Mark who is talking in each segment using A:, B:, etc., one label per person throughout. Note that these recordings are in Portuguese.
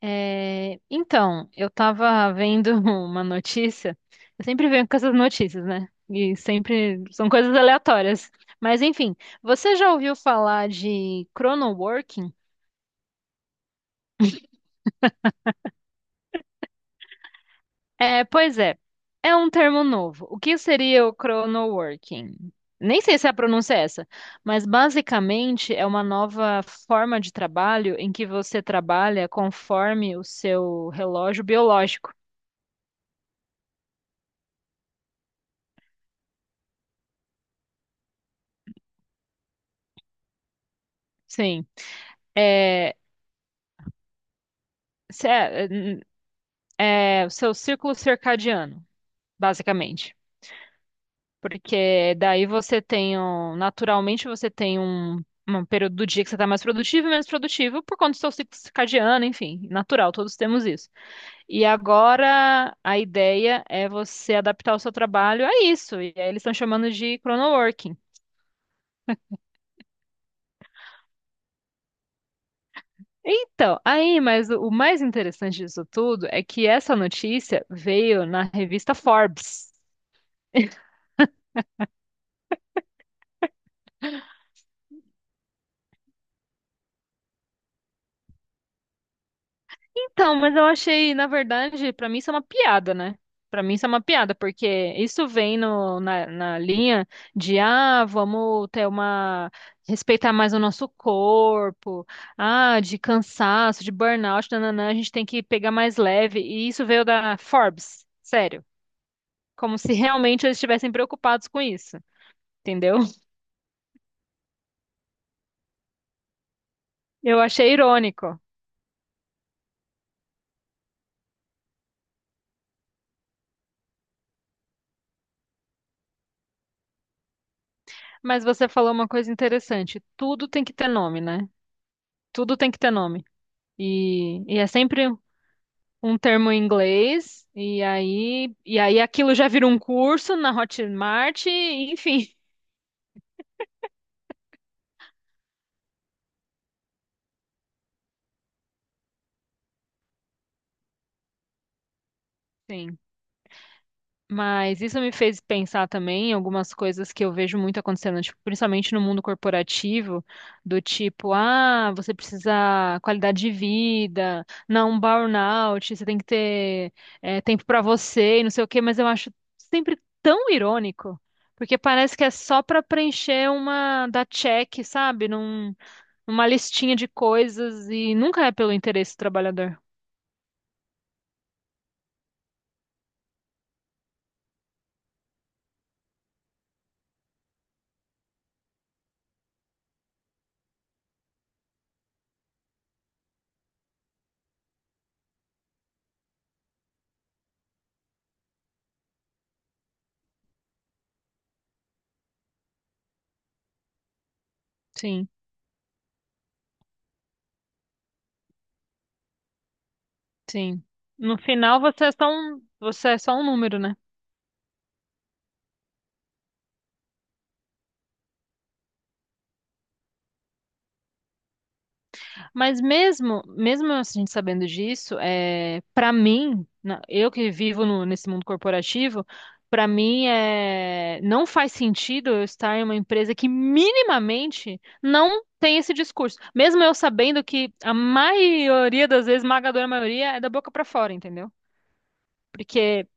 A: É, então, eu estava vendo uma notícia. Eu sempre venho com essas notícias, né? E sempre são coisas aleatórias. Mas enfim, você já ouviu falar de chronoworking? É, pois é, é um termo novo. O que seria o chronoworking? Nem sei se a pronúncia é essa, mas basicamente é uma nova forma de trabalho em que você trabalha conforme o seu relógio biológico. Sim. É, o seu círculo circadiano, basicamente. Porque daí você tem, naturalmente, você tem um período do dia que você está mais produtivo e menos produtivo por conta do seu ciclo circadiano, enfim, natural, todos temos isso. E agora a ideia é você adaptar o seu trabalho a isso, e aí eles estão chamando de chronoworking. Então, aí, mas o mais interessante disso tudo é que essa notícia veio na revista Forbes. Então, mas eu achei, na verdade, pra mim isso é uma piada, né? Pra mim isso é uma piada, porque isso vem no, na, na linha de, ah, vamos ter uma, respeitar mais o nosso corpo, ah, de cansaço, de burnout, nananã, a gente tem que pegar mais leve, e isso veio da Forbes, sério, como se realmente eles estivessem preocupados com isso, entendeu? Eu achei irônico, mas você falou uma coisa interessante, tudo tem que ter nome, né? Tudo tem que ter nome. E é sempre um termo em inglês, e aí aquilo já virou um curso na Hotmart, e enfim, sim. Mas isso me fez pensar também em algumas coisas que eu vejo muito acontecendo, tipo, principalmente no mundo corporativo, do tipo, ah, você precisa qualidade de vida, não um burnout, você tem que ter tempo para você, e não sei o quê, mas eu acho sempre tão irônico, porque parece que é só para preencher uma da check, sabe? Não uma listinha de coisas e nunca é pelo interesse do trabalhador. Sim, sim. No final você é só um, você é só um número, né? Mas mesmo, mesmo a gente sabendo disso, é, para mim, eu que vivo nesse mundo corporativo, para mim é, não faz sentido eu estar em uma empresa que minimamente não tem esse discurso. Mesmo eu sabendo que a maioria das vezes, esmagadora maioria, é da boca para fora, entendeu? Porque,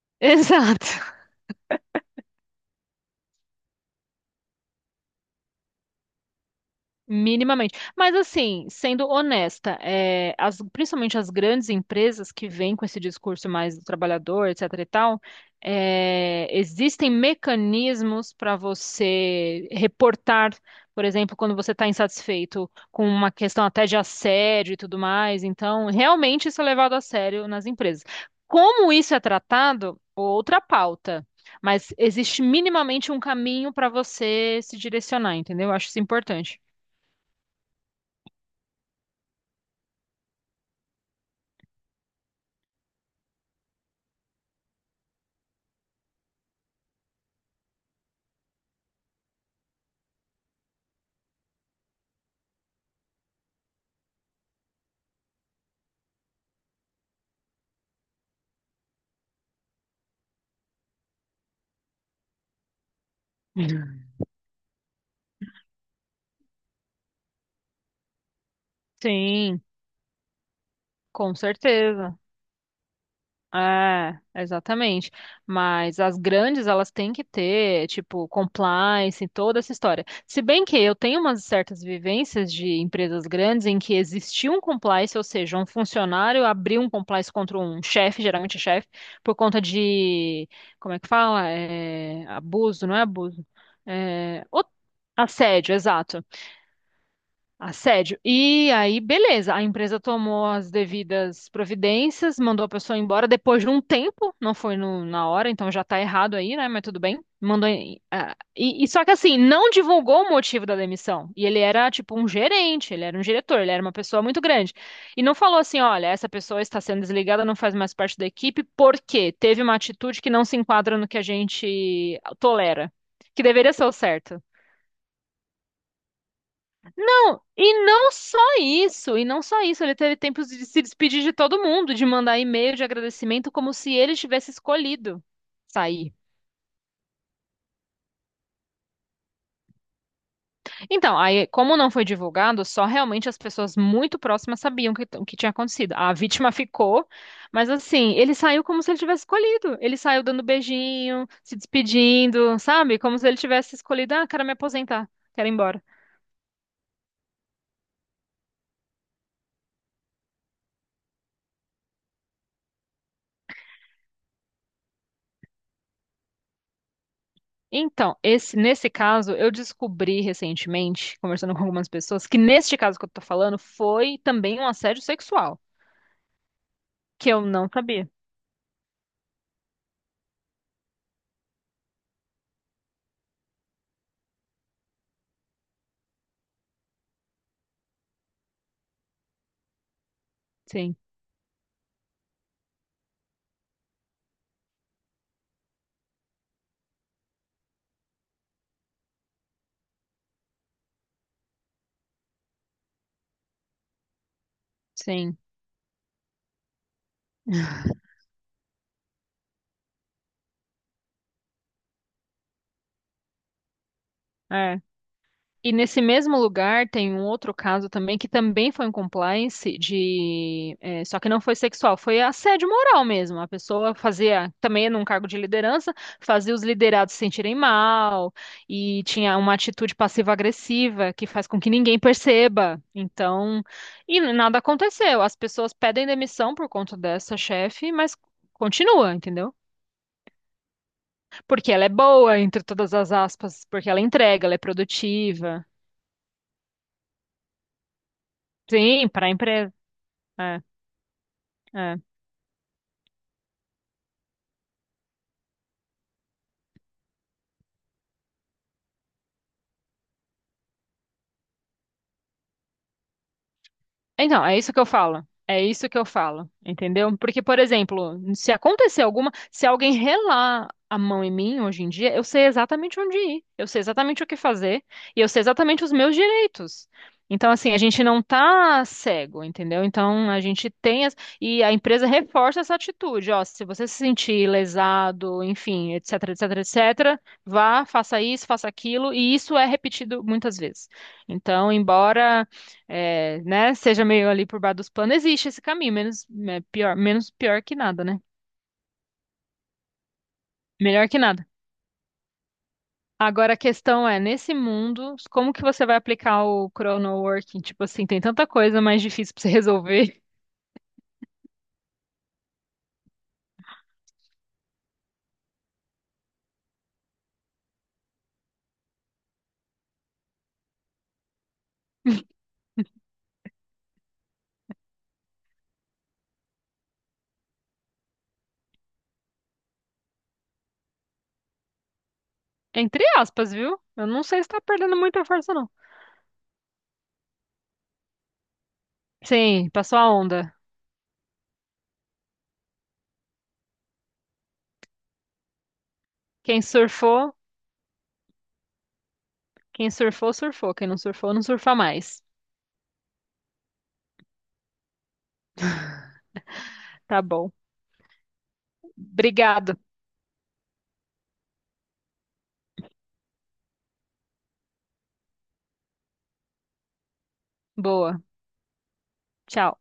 A: exato. Minimamente. Mas assim, sendo honesta, é, principalmente as grandes empresas que vêm com esse discurso mais do trabalhador, etc e tal, é, existem mecanismos para você reportar, por exemplo, quando você está insatisfeito com uma questão até de assédio e tudo mais. Então, realmente isso é levado a sério nas empresas. Como isso é tratado, outra pauta. Mas existe minimamente um caminho para você se direcionar, entendeu? Eu acho isso importante. Sim, com certeza. É, exatamente. Mas as grandes, elas têm que ter, tipo, compliance e toda essa história. Se bem que eu tenho umas certas vivências de empresas grandes em que existia um compliance, ou seja, um funcionário abriu um compliance contra um chefe, geralmente é chefe, por conta de, como é que fala? É, abuso, não é abuso? É, assédio, exato. Assédio. E aí, beleza, a empresa tomou as devidas providências, mandou a pessoa embora depois de um tempo, não foi na hora, então já tá errado aí, né? Mas tudo bem. Mandou. Ah, e só que assim, não divulgou o motivo da demissão. E ele era tipo um gerente, ele era um diretor, ele era uma pessoa muito grande. E não falou assim: olha, essa pessoa está sendo desligada, não faz mais parte da equipe, porque teve uma atitude que não se enquadra no que a gente tolera, que deveria ser o certo. E não só isso, e não só isso, ele teve tempo de se despedir de todo mundo, de mandar e-mail de agradecimento como se ele tivesse escolhido sair. Então, aí, como não foi divulgado, só realmente as pessoas muito próximas sabiam o que tinha acontecido. A vítima ficou, mas assim, ele saiu como se ele tivesse escolhido. Ele saiu dando beijinho, se despedindo, sabe? Como se ele tivesse escolhido, ah, quero me aposentar, quero ir embora. Então, esse, nesse caso, eu descobri recentemente, conversando com algumas pessoas, que neste caso que eu tô falando foi também um assédio sexual, que eu não sabia. Sim, sim. E nesse mesmo lugar tem um outro caso também que também foi um compliance de, eh, só que não foi sexual, foi assédio moral mesmo. A pessoa fazia também num cargo de liderança, fazia os liderados se sentirem mal e tinha uma atitude passiva-agressiva que faz com que ninguém perceba. Então, e nada aconteceu. As pessoas pedem demissão por conta dessa chefe, mas continua, entendeu? Porque ela é boa, entre todas as aspas, porque ela entrega, ela é produtiva. Sim, para a empresa. É, é. Então, é isso que eu falo. É isso que eu falo, entendeu? Porque, por exemplo, se acontecer alguma, se alguém relar a mão em mim hoje em dia, eu sei exatamente onde ir, eu sei exatamente o que fazer e eu sei exatamente os meus direitos. Então, assim, a gente não tá cego, entendeu? Então, a gente tem as... e a empresa reforça essa atitude, ó, se você se sentir lesado, enfim, etc, etc, etc, vá, faça isso, faça aquilo, e isso é repetido muitas vezes. Então, embora é, né, seja meio ali por baixo dos panos, existe esse caminho, menos é, pior, menos pior que nada, né? Melhor que nada. Agora a questão é, nesse mundo, como que você vai aplicar o chrono working? Tipo assim, tem tanta coisa mais difícil pra você resolver. Entre aspas, viu? Eu não sei se tá perdendo muita força, não. Sim, passou a onda. Quem surfou, quem surfou, surfou. Quem não surfou, não surfa mais. Tá bom. Obrigado. Boa. Tchau.